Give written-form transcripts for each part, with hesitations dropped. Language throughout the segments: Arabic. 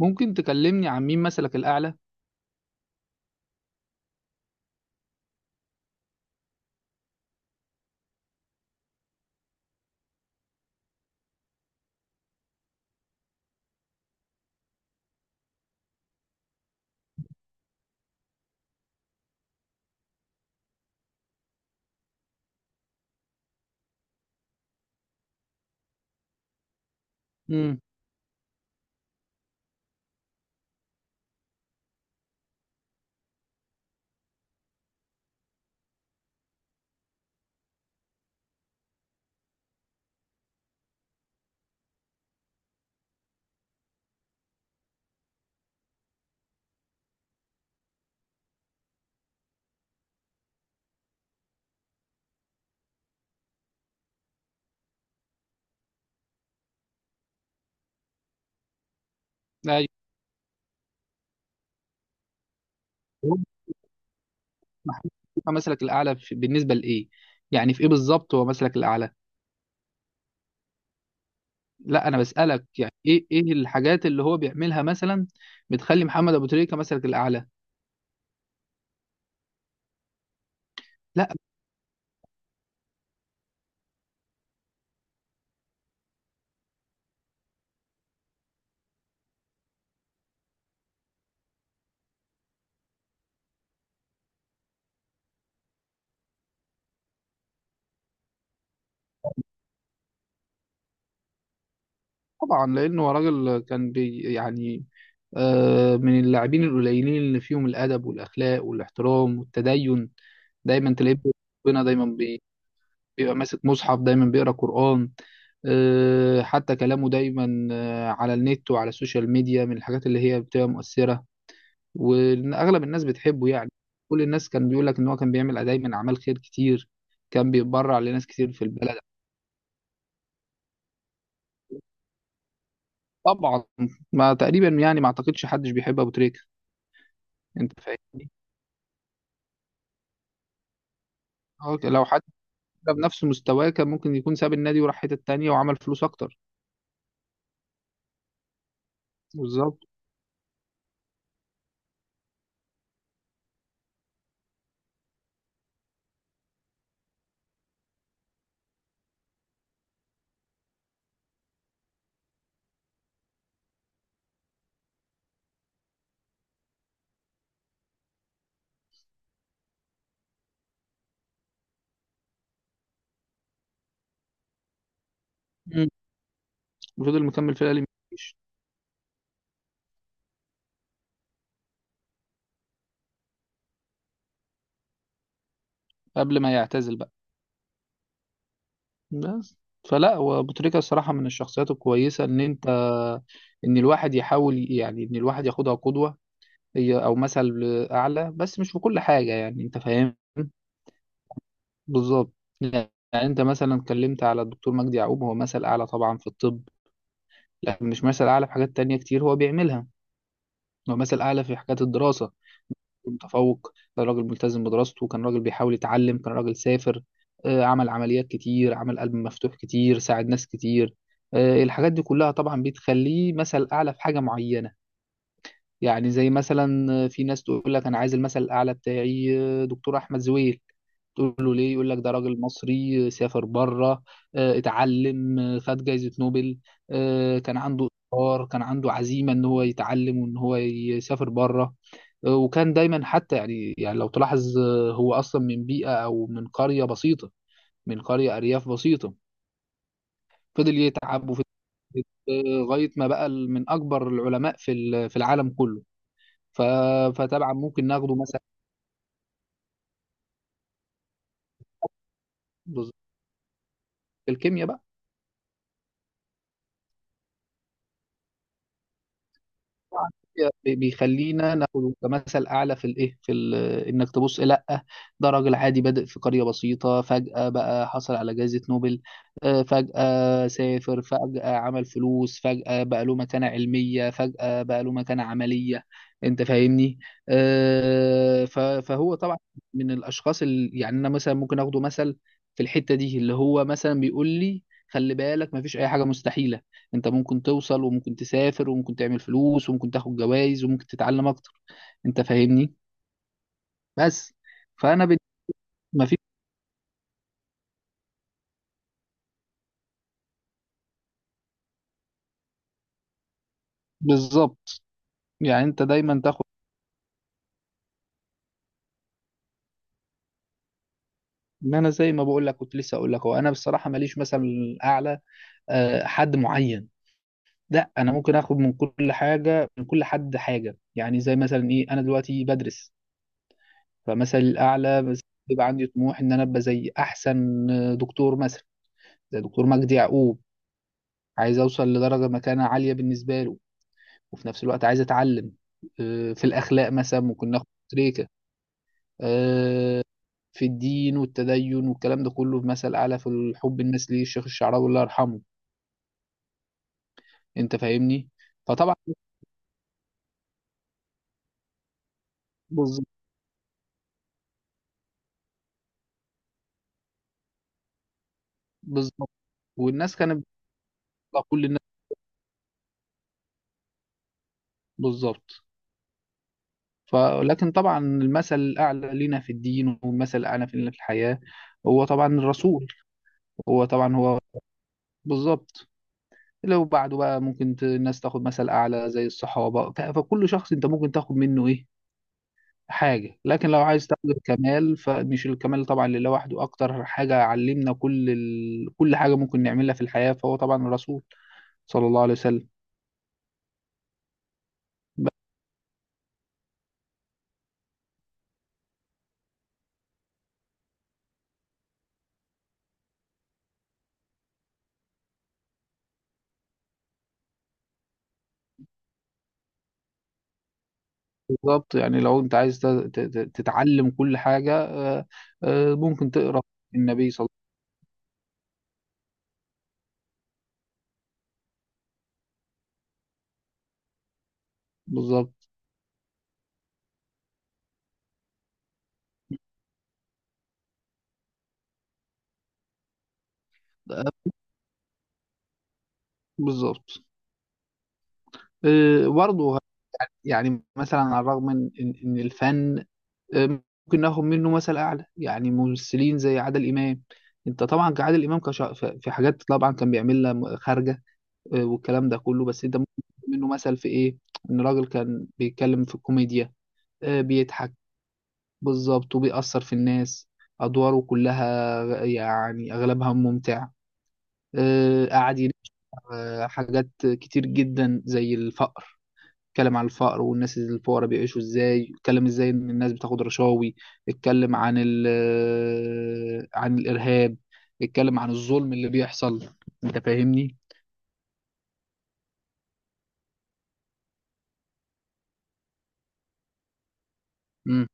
ممكن تكلمني عن مين مثلك الأعلى؟ امم أيوه. هو محمود شيكا مثلك الأعلى بالنسبة لإيه؟ يعني في إيه بالظبط هو مثلك الأعلى؟ لا، أنا بسألك يعني إيه الحاجات اللي هو بيعملها مثلا بتخلي محمد أبو تريكة مثلك الأعلى؟ لا، طبعا لأنه هو راجل كان بي يعني آه من اللاعبين القليلين اللي فيهم الأدب والأخلاق والاحترام والتدين. دايما تلاقيه ربنا، دايما بيبقى ماسك مصحف، دايما بيقرا قرآن. حتى كلامه دايما، على النت وعلى السوشيال ميديا، من الحاجات اللي هي بتبقى مؤثرة. وأغلب الناس بتحبه يعني. كل الناس كان بيقول لك إن هو كان بيعمل دايما أعمال خير كتير، كان بيتبرع لناس كتير في البلد. طبعا، ما تقريبا يعني ما أعتقدش حدش بيحب أبو تريكة. أنت فاهمني. لو حد كان بنفس مستواه كان ممكن يكون ساب النادي وراح حتة تانية وعمل فلوس أكتر. بالظبط. مم. وفضل مكمل في الأهلي. مفيش. قبل ما يعتزل بقى. بس. فلا، وابو تريكة الصراحة من الشخصيات الكويسة ان انت، ان الواحد يحاول يعني ان الواحد ياخدها قدوة، هي او مثل اعلى، بس مش في كل حاجة يعني انت فاهم. بالظبط. يعني انت مثلا اتكلمت على الدكتور مجدي يعقوب، هو مثل اعلى طبعا في الطب، لكن مش مثل اعلى في حاجات تانية كتير هو بيعملها. هو مثل اعلى في حاجات الدراسة. متفوق، كان راجل ملتزم بدراسته، كان راجل بيحاول يتعلم، كان راجل سافر. عمل عمليات كتير، عمل قلب مفتوح كتير، ساعد ناس كتير. الحاجات دي كلها طبعا بتخليه مثل أعلى في حاجة معينة. يعني زي مثلا في ناس تقول لك أنا عايز المثل الأعلى بتاعي، دكتور أحمد زويل. تقول له ليه، يقول لك ده راجل مصري، سافر بره، اتعلم، خد جايزة نوبل. كان عنده إصرار، كان عنده عزيمة إن هو يتعلم وإن هو يسافر بره. وكان دايما حتى يعني، لو تلاحظ، هو أصلا من بيئة أو من قرية بسيطة، من قرية أرياف بسيطة. فضل يتعب وفضل لغاية ما بقى من أكبر العلماء في في العالم كله. ف- فطبعا ممكن ناخده مثلا في الكيمياء بقى. طبعاً بيخلينا ناخده كمثل اعلى في الايه، في انك تبص. لا، ده راجل عادي بادئ في قريه بسيطه، فجاه بقى حصل على جائزه نوبل. فجاه سافر، فجاه عمل فلوس، فجاه بقى له مكانه علميه، فجاه بقى له مكانه عمليه. انت فاهمني. فهو طبعا من الاشخاص اللي يعني انا مثلا ممكن اخده مثل في الحته دي، اللي هو مثلا بيقول لي خلي بالك مفيش اي حاجه مستحيله، انت ممكن توصل وممكن تسافر وممكن تعمل فلوس وممكن تاخد جوائز وممكن تتعلم اكتر. انت فاهمني. بس فانا ما في. بالظبط. يعني انت دايما تاخد. ان انا زي ما بقول لك كنت لسه اقول لك، هو انا بصراحه ماليش مثلا اعلى، حد معين. لا، انا ممكن اخد من كل حاجه من كل حد حاجه. يعني زي مثلا ايه، انا دلوقتي بدرس، فمثلا الاعلى بس بيبقى عندي طموح ان انا ابقى زي احسن دكتور مثلا زي دكتور مجدي يعقوب. عايز اوصل لدرجه مكانه عاليه بالنسبه له، وفي نفس الوقت عايز اتعلم. في الاخلاق مثلا ممكن ناخد تريكه. آه، في الدين والتدين والكلام ده كله في مثل اعلى، في الحب الناس ليه الشيخ الشعراوي الله يرحمه. انت فاهمني. فطبعا بالظ- بالظبط. والناس كانت بتطلع كل الناس. بالظبط. فلكن طبعا المثل الاعلى لنا في الدين والمثل الاعلى في الحياه هو طبعا الرسول. هو طبعا هو. بالظبط. لو بعده بقى ممكن الناس تاخد مثل اعلى زي الصحابه. فكل شخص انت ممكن تاخد منه ايه، حاجة. لكن لو عايز تاخد الكمال، فمش الكمال طبعا اللي لوحده أكتر حاجة علمنا كل كل حاجة ممكن نعملها في الحياة، فهو طبعا الرسول صلى الله عليه وسلم. بس بالظبط، يعني لو أنت عايز تتعلم كل حاجة. ممكن تقرأ. النبي صلى الله عليه وسلم. بالظبط. آه، بالظبط. برضه يعني، مثلا على الرغم من إن الفن ممكن ناخد منه مثل اعلى. يعني ممثلين زي عادل امام. انت طبعا كعادل امام، في حاجات طبعا كان بيعملها خارجه. والكلام ده كله، بس انت ممكن تاخد منه مثل في ايه، ان راجل كان بيتكلم في الكوميديا، بيضحك. بالظبط، وبيأثر في الناس. ادواره كلها يعني اغلبها ممتع. قعد ينقع حاجات كتير جدا زي الفقر. اتكلم عن الفقر والناس الفقراء بيعيشوا ازاي، اتكلم ازاي ان الناس بتاخد رشاوي، اتكلم عن ال آه، عن الارهاب، اتكلم عن الظلم اللي بيحصل. انت فاهمني. امم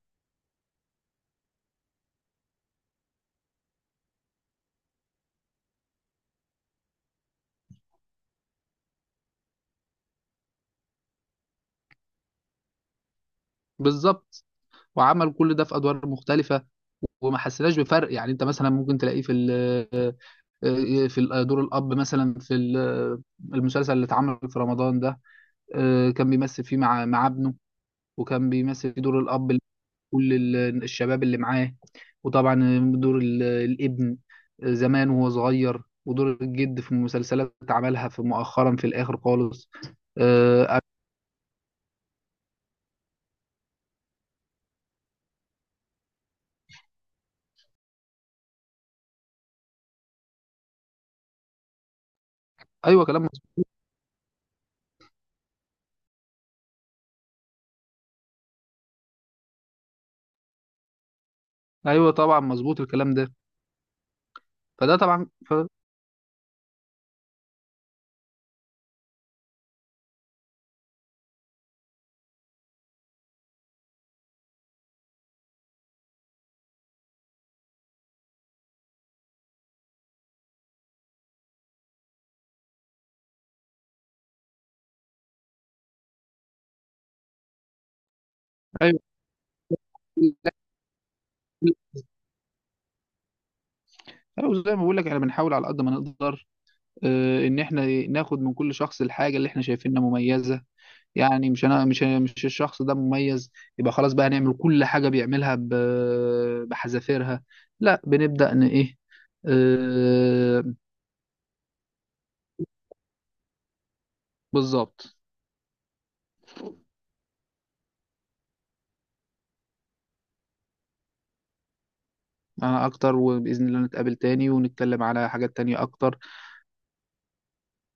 بالظبط. وعمل كل ده في ادوار مختلفه وما حسيناش بفرق. يعني انت مثلا ممكن تلاقيه في دور الاب مثلا في المسلسل اللي اتعمل في رمضان ده. كان بيمثل فيه مع ابنه، وكان بيمثل فيه دور الاب كل الشباب اللي معاه. وطبعا دور الابن زمان وهو صغير، ودور الجد في المسلسلات عملها في مؤخرا في الاخر خالص. آه، ايوه كلام مظبوط. ايوه طبعا مظبوط الكلام ده. فده طبعا ايوه. أيوة، زي ما بقول لك احنا بنحاول على قد ما نقدر، ان احنا ناخد من كل شخص الحاجه اللي احنا شايفينها مميزه. يعني مش انا، مش الشخص ده مميز يبقى خلاص بقى هنعمل كل حاجه بيعملها بحذافيرها. لا، بنبدا ان ايه. آه بالظبط. انا اكتر، وباذن الله نتقابل تاني ونتكلم على حاجات تانية اكتر.